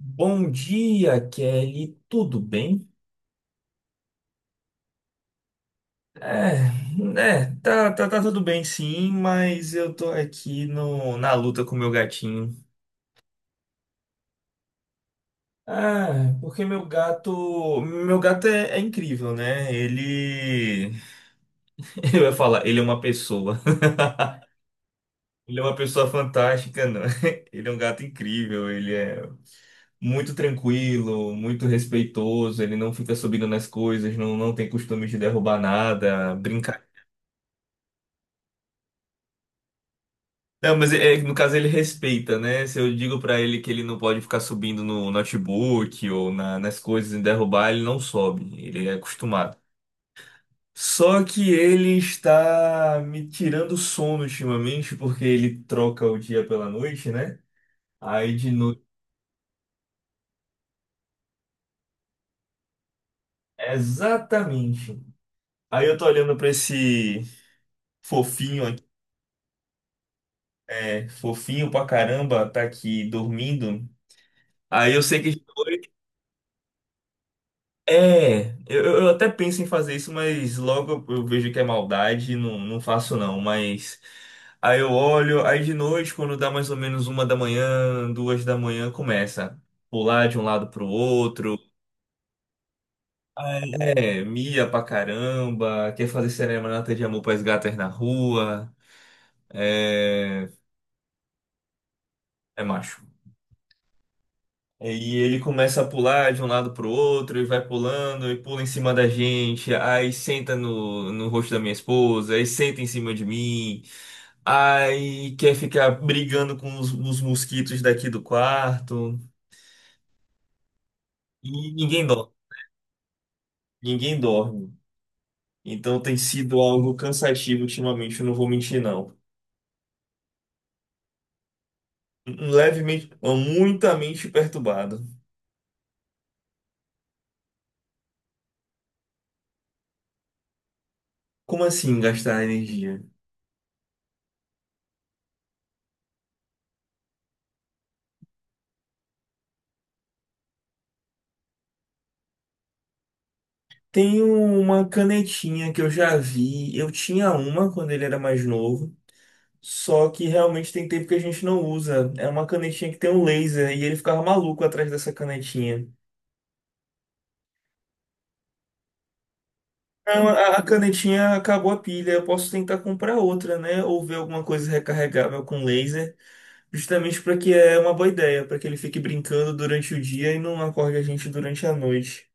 Bom dia, Kelly. Tudo bem? É, tá tudo bem sim, mas eu tô aqui no, na luta com o meu gatinho. Ah, porque meu gato é incrível, né? Ele, eu ia falar, ele é uma pessoa. Ele é uma pessoa fantástica, não. Ele é um gato incrível, ele é muito tranquilo, muito respeitoso, ele não fica subindo nas coisas, não, não tem costume de derrubar nada, brincar. Não, mas no caso ele respeita, né? Se eu digo pra ele que ele não pode ficar subindo no notebook ou nas coisas e derrubar, ele não sobe. Ele é acostumado. Só que ele está me tirando o sono ultimamente, porque ele troca o dia pela noite, né? Aí de noite. Exatamente. Aí eu tô olhando pra esse fofinho aqui, é, fofinho pra caramba, tá aqui dormindo. Aí eu sei que. É, eu até penso em fazer isso, mas logo eu vejo que é maldade e não, não faço não. Mas aí eu olho, aí de noite, quando dá mais ou menos uma da manhã, duas da manhã, começa a pular de um lado pro outro. Aí, é, mia pra caramba, quer fazer serenata de amor pras gatas na rua. É, é macho. E ele começa a pular de um lado pro outro e vai pulando e pula em cima da gente, aí senta no rosto da minha esposa, aí senta em cima de mim, aí quer ficar brigando com os mosquitos daqui do quarto. E ninguém dorme, ninguém dorme. Então tem sido algo cansativo ultimamente, eu não vou mentir não. Levemente, muitamente perturbado. Como assim gastar energia? Tem uma canetinha que eu já vi. Eu tinha uma quando ele era mais novo. Só que realmente tem tempo que a gente não usa. É uma canetinha que tem um laser e ele ficava maluco atrás dessa canetinha. Não, a canetinha acabou a pilha. Eu posso tentar comprar outra, né? Ou ver alguma coisa recarregável com laser. Justamente para que é uma boa ideia, para que ele fique brincando durante o dia e não acorde a gente durante a noite.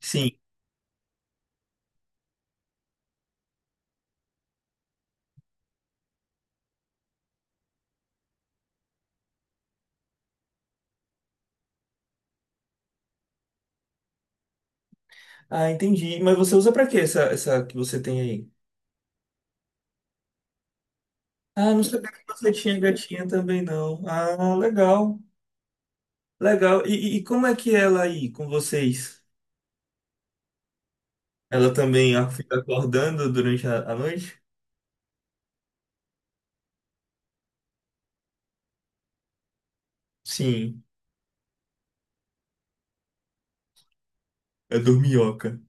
Sim. Ah, entendi. Mas você usa para quê essa que você tem aí? Ah, não sabia que você tinha gatinha também, não. Ah, legal, legal. E, e como é que é ela aí com vocês? Ela também ah, fica acordando durante a noite? Sim, é dorminhoca.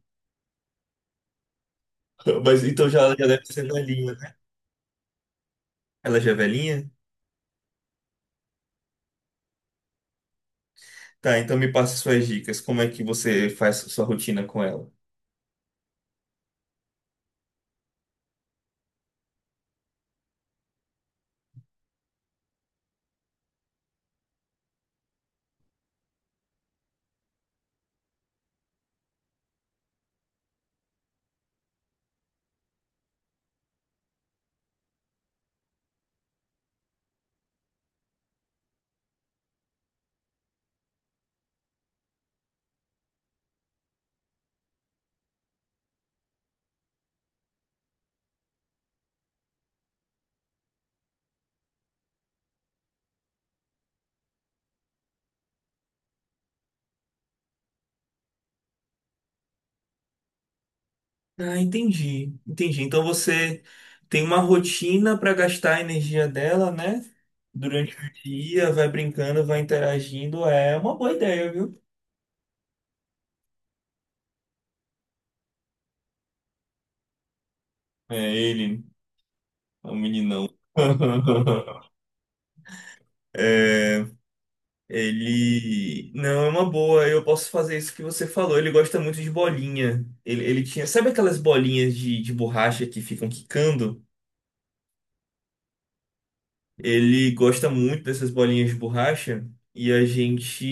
Mas então já, já deve ser velhinha, né? Ela já é velhinha? Tá, então me passa suas dicas. Como é que você faz sua rotina com ela? Ah, entendi, entendi. Então você tem uma rotina para gastar a energia dela, né? Durante o dia, vai brincando, vai interagindo. É uma boa ideia, viu? É ele, é um meninão. É, ele. Não, é uma boa. Eu posso fazer isso que você falou. Ele gosta muito de bolinha. Ele tinha. Sabe aquelas bolinhas de borracha que ficam quicando? Ele gosta muito dessas bolinhas de borracha. E a gente.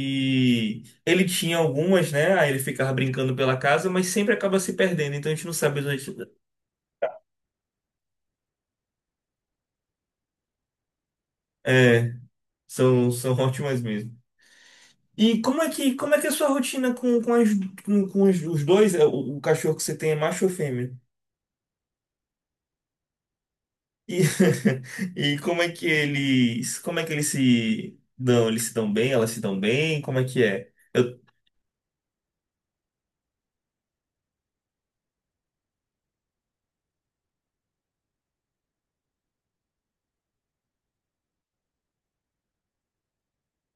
Ele tinha algumas, né? Aí ele ficava brincando pela casa, mas sempre acaba se perdendo. Então a gente não sabe onde. É, são, são ótimas mesmo. E como é que é a sua rotina com os dois, é, o cachorro que você tem é macho ou fêmea? E, e como é que eles se dão? Eles se dão bem? Elas se dão bem? Como é que é? Eu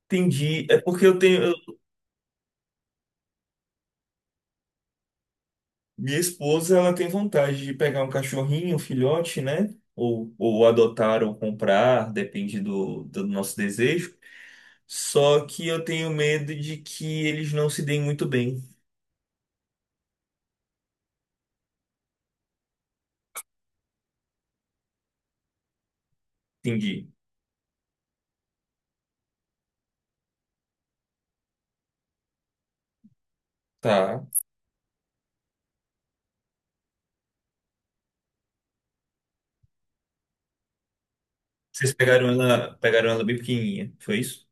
Entendi, é porque minha esposa, ela tem vontade de pegar um cachorrinho, um filhote, né? Ou adotar ou comprar, depende do nosso desejo. Só que eu tenho medo de que eles não se deem muito bem. Entendi. Tá. Vocês pegaram ela bem pequenininha, foi isso?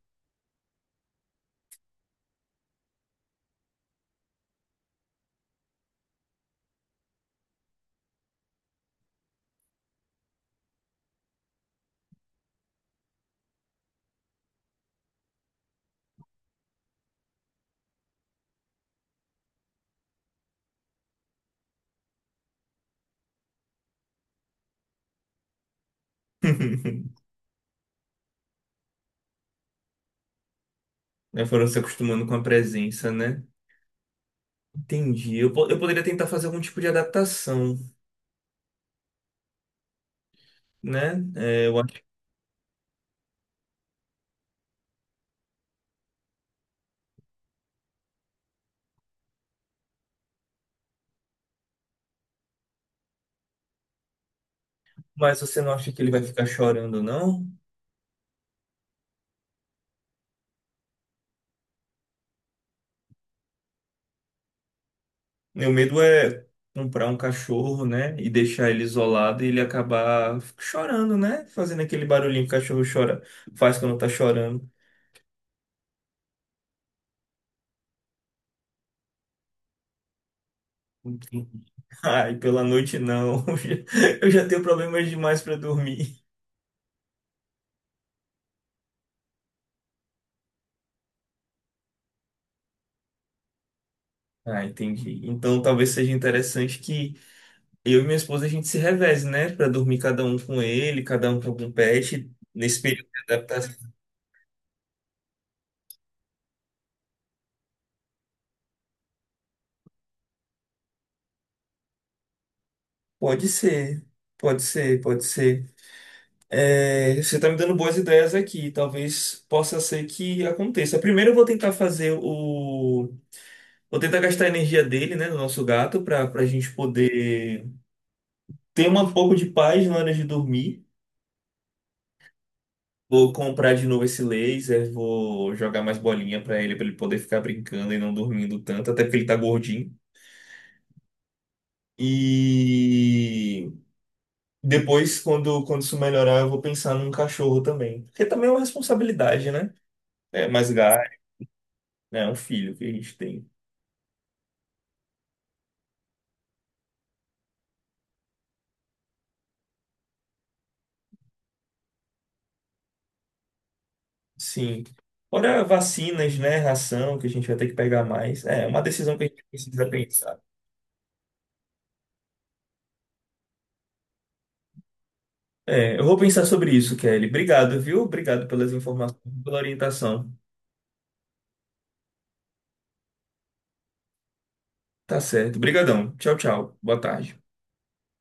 Né, foram se acostumando com a presença, né? Entendi. Eu poderia tentar fazer algum tipo de adaptação, né? É, eu acho. Mas você não acha que ele vai ficar chorando, não? Meu medo é comprar um cachorro, né? E deixar ele isolado e ele acabar chorando, né? Fazendo aquele barulhinho que o cachorro chora, faz quando tá chorando. Entendi. Ai, pela noite não. Eu já tenho problemas demais pra dormir. Ah, entendi. Então talvez seja interessante que eu e minha esposa a gente se reveze, né? Pra dormir cada um com ele, cada um com algum pet. Nesse período de adaptação. Pode ser, pode ser, pode ser. É, você tá me dando boas ideias aqui. Talvez possa ser que aconteça. Primeiro eu vou tentar fazer o. Vou tentar gastar a energia dele, né? Do nosso gato, pra gente poder ter um pouco de paz na hora de dormir. Vou comprar de novo esse laser, vou jogar mais bolinha pra ele poder ficar brincando e não dormindo tanto, até porque ele tá gordinho. E depois, quando isso melhorar, eu vou pensar num cachorro também. Porque também é uma responsabilidade, né? É mais gasto, né? É um filho que a gente tem. Sim. Fora vacinas, né? Ração, que a gente vai ter que pegar mais. É é uma decisão que a gente precisa pensar. É, eu vou pensar sobre isso, Kelly. Obrigado, viu? Obrigado pelas informações, pela orientação. Tá certo. Obrigadão. Tchau, tchau. Boa tarde.